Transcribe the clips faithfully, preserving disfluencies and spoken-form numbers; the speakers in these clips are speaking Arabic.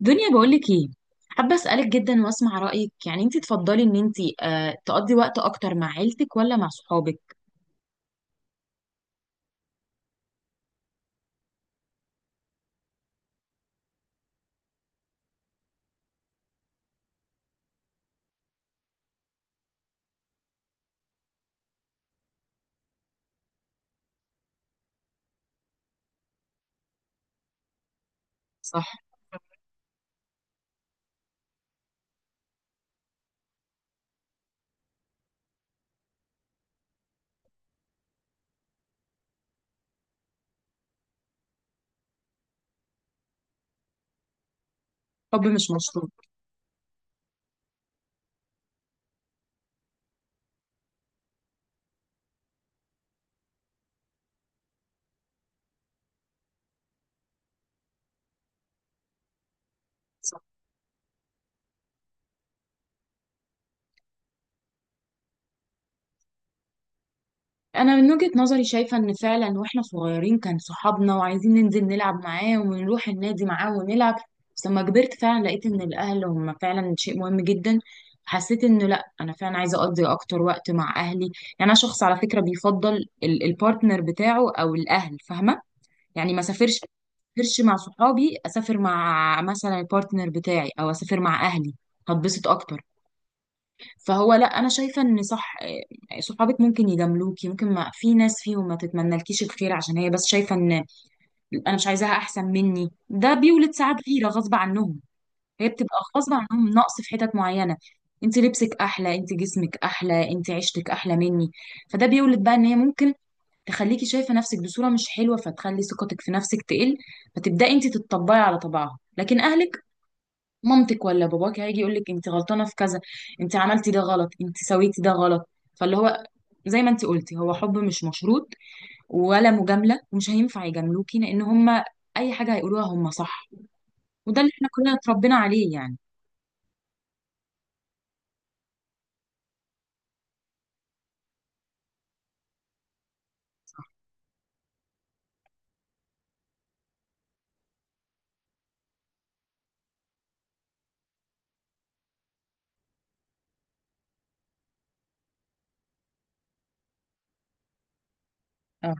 دنيا، بقولك ايه؟ حابة اسألك جدا واسمع رأيك، يعني انتي تفضلي ان انتي آه تقضي وقت اكتر مع عيلتك ولا مع صحابك؟ صح. حب مش مشروط. صح. انا من وجهة نظري شايفة ان فعلا واحنا صغيرين كان صحابنا، وعايزين ننزل نلعب معاه ونروح النادي معاه ونلعب. بس لما كبرت فعلا لقيت ان الاهل هم فعلا شيء مهم جدا. حسيت انه لا، انا فعلا عايزه اقضي اكتر وقت مع اهلي يعني. انا شخص على فكره بيفضل ال- البارتنر بتاعه او الاهل، فاهمه؟ يعني ما سافرش سافرش مع صحابي، اسافر مع مثلا البارتنر بتاعي او اسافر مع اهلي، هتبسط اكتر. فهو لا، انا شايفه ان صح. إيه، صحابك ممكن يجاملوكي، ممكن ما في ناس فيهم ما تتمنالكيش الخير، عشان هي بس شايفه ان انا مش عايزاها احسن مني، ده بيولد ساعات غيره غصب عنهم. هي بتبقى غصب عنهم نقص في حتت معينه. انت لبسك احلى، انت جسمك احلى، انت عيشتك احلى مني، فده بيولد بقى ان هي ممكن تخليكي شايفة نفسك بصورة مش حلوة، فتخلي ثقتك في نفسك تقل، فتبدأي انت تتطبعي على طبعها. لكن اهلك، مامتك ولا باباك هيجي يقولك انت غلطانة في كذا، انت عملتي ده غلط، انت سويتي ده غلط. فاللي هو زي ما انت قلتي، هو حب مش مشروط ولا مجاملة، ومش هينفع يجاملوكي لان هما اي حاجة هيقولوها هما صح. وده اللي احنا كلنا اتربينا عليه يعني. اه.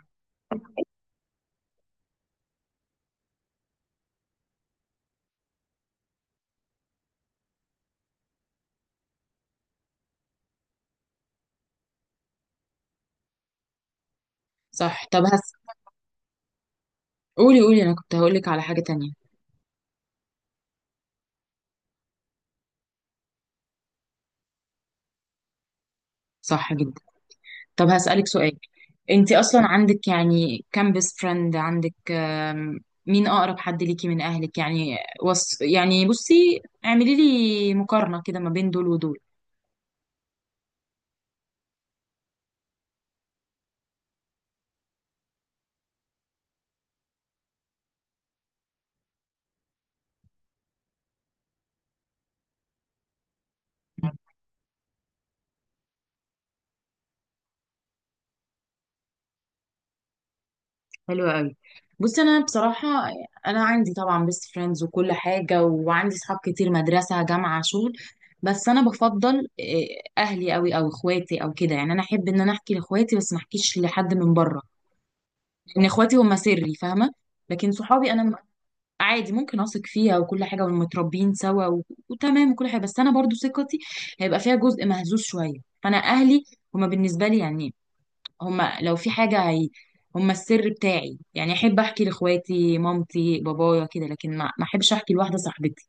صح. طب هس قولي قولي، انا كنت هقولك على حاجة تانية. صح جدا. طب هسألك سؤال، انت اصلا عندك يعني كام بيست فريند؟ عندك آم، مين اقرب حد ليكي من اهلك يعني؟ وص... يعني بصي، اعملي لي مقارنة كده ما بين دول ودول. حلو قوي. بصي انا بصراحة، انا عندي طبعا بيست فريندز وكل حاجة، وعندي صحاب كتير، مدرسة، جامعة، شغل. بس انا بفضل آه، اهلي قوي، او اخواتي او كده يعني. انا احب ان انا احكي لاخواتي بس ما احكيش لحد من بره، لان اخواتي هم سري، فاهمة؟ لكن صحابي انا عادي ممكن اثق فيها وكل حاجه، ومتربيين سوا و... وتمام وكل حاجه، بس انا برضو ثقتي هيبقى فيها جزء مهزوز شويه. فانا اهلي هما بالنسبه لي يعني، هما لو في حاجه هي هما السر بتاعي يعني. احب احكي لاخواتي، مامتي، بابايا كده، لكن ما ما احبش احكي لواحده صاحبتي.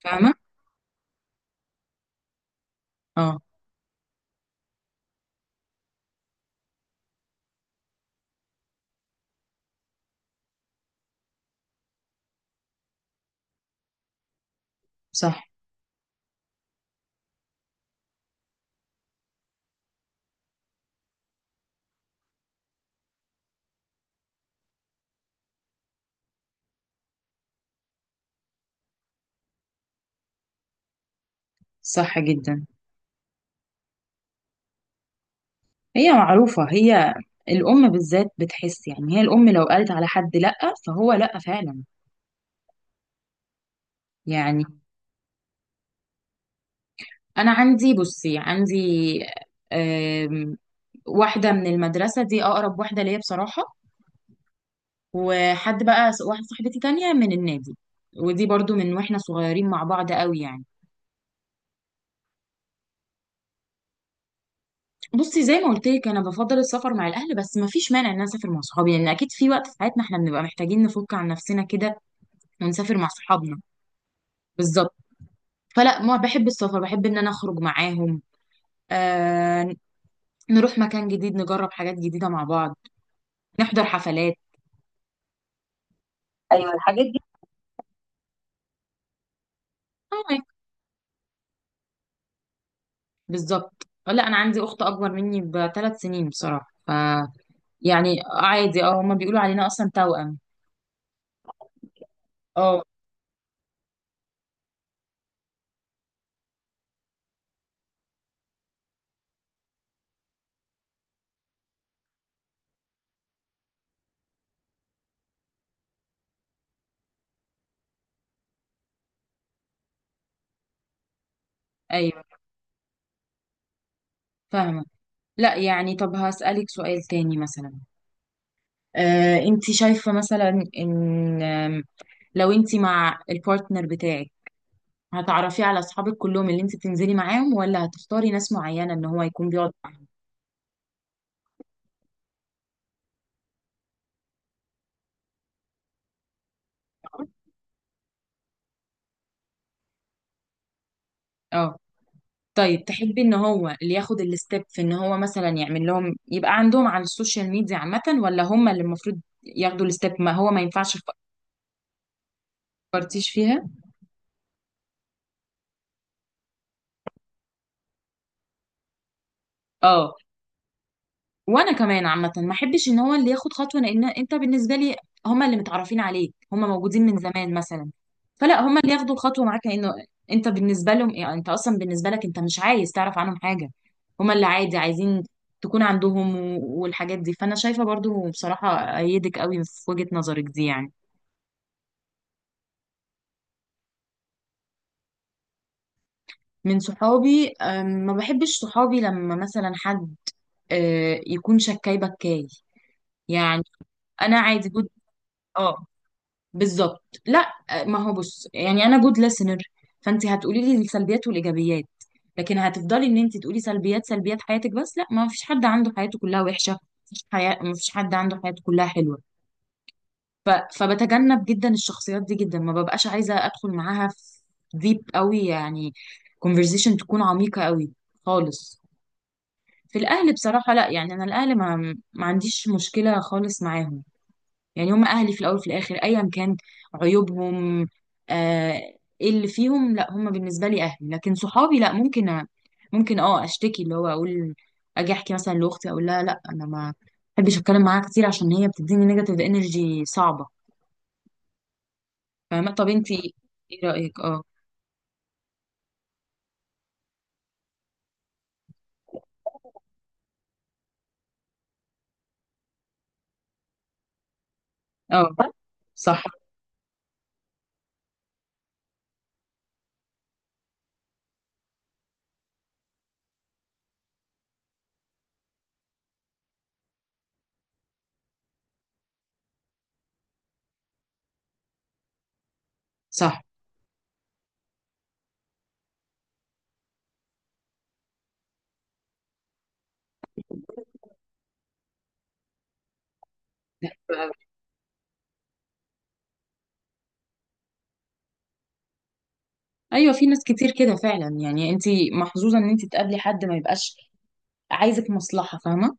فاهمه. اه. صح. صح جدا. هي معروفه. هي الام بالذات بتحس يعني، هي الام لو قالت على حد لا، فهو لا فعلا يعني. انا عندي بصي، عندي واحدة من المدرسة، دي أقرب واحدة ليا بصراحة. وحد بقى س- واحدة صاحبتي تانية من النادي، ودي برضو من واحنا صغيرين مع بعض قوي يعني. بصي زي ما قلت لك، انا بفضل السفر مع الاهل، بس ما فيش مانع ان انا اسافر مع صحابي، لان اكيد في وقت في حياتنا احنا بنبقى محتاجين نفك عن نفسنا كده ونسافر مع صحابنا. بالظبط. فلا، ما بحب السفر، بحب ان انا اخرج معاهم، آه نروح مكان جديد، نجرب حاجات جديدة مع بعض، نحضر حفلات. ايوه الحاجات دي. بالظبط. آه، لا، انا عندي اخت اكبر مني بثلاث سنين بصراحه ف يعني عادي، اه هما بيقولوا علينا اصلا توأم. اه. ايوه فاهمه. لا يعني، طب هسألك سؤال تاني مثلا. آه انت شايفه مثلا ان آم، لو انت مع البارتنر بتاعك، هتعرفيه على اصحابك كلهم اللي انت بتنزلي معاهم، ولا هتختاري ناس معينه ان هو يكون بيقعد معاهم؟ اه. طيب تحبي ان هو اللي ياخد الستيب، في ان هو مثلا يعمل لهم، يبقى عندهم على السوشيال ميديا عامة، ولا هم اللي المفروض ياخدوا الستيب، ما هو ما ينفعش؟ فكرتيش فيها؟ اه. وانا كمان عامة ما احبش ان هو اللي ياخد خطوة، لان انت بالنسبة لي هم اللي متعرفين عليك، هم موجودين من زمان مثلا، فلا هم اللي ياخدوا الخطوة معاك، لانه انت بالنسبة لهم يعني، انت اصلا بالنسبة لك انت مش عايز تعرف عنهم حاجة، هم اللي عادي عايزين تكون عندهم، و- والحاجات دي. فانا شايفة برضو بصراحة ايدك قوي في وجهة نظرك دي يعني. من صحابي، أم، ما بحبش صحابي لما مثلا حد أه، يكون شكاي بكاي يعني. انا عادي جود. اه، بالظبط. لا، أه، ما هو بص، يعني انا جود ليسنر، فانت هتقولي لي السلبيات والايجابيات، لكن هتفضلي ان انت تقولي سلبيات سلبيات حياتك بس، لا، ما فيش حد عنده حياته كلها وحشه، مفيش حياة، ما فيش حد عنده حياته كلها حلوه. ف... فبتجنب جدا الشخصيات دي جدا، ما ببقاش عايزه ادخل معاها في ديب قوي يعني، conversation تكون عميقه قوي خالص. في الاهل بصراحه لا، يعني انا الاهل ما، ما عنديش مشكله خالص معاهم. يعني هم اهلي في الاول وفي الاخر، ايا كان عيوبهم، آه، إيه اللي فيهم، لا هم بالنسبه لي اهلي. لكن صحابي لا، ممكن أ- ممكن اه اشتكي، اللي هو اقول، اجي احكي مثلا لاختي، اقول لها لا انا ما بحبش اتكلم معاها كتير، عشان هي بتديني نيجاتيف انرجي صعبه. فاهمه؟ طب انت ايه رايك؟ اه. اه. صح. صح. ايوه، في ناس كتير كده فعلا يعني، انت محظوظه ان انت تقابلي حد ما يبقاش عايزك مصلحة، فاهمة؟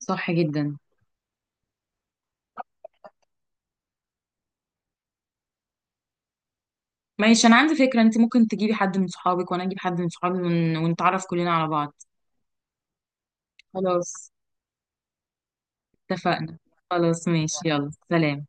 صح جدا. ماشي، انا عندي فكرة، انت ممكن تجيبي حد من صحابك وانا اجيب حد من صحابي، ون... ونتعرف كلنا على بعض. خلاص، اتفقنا. خلاص ماشي، يلا سلام.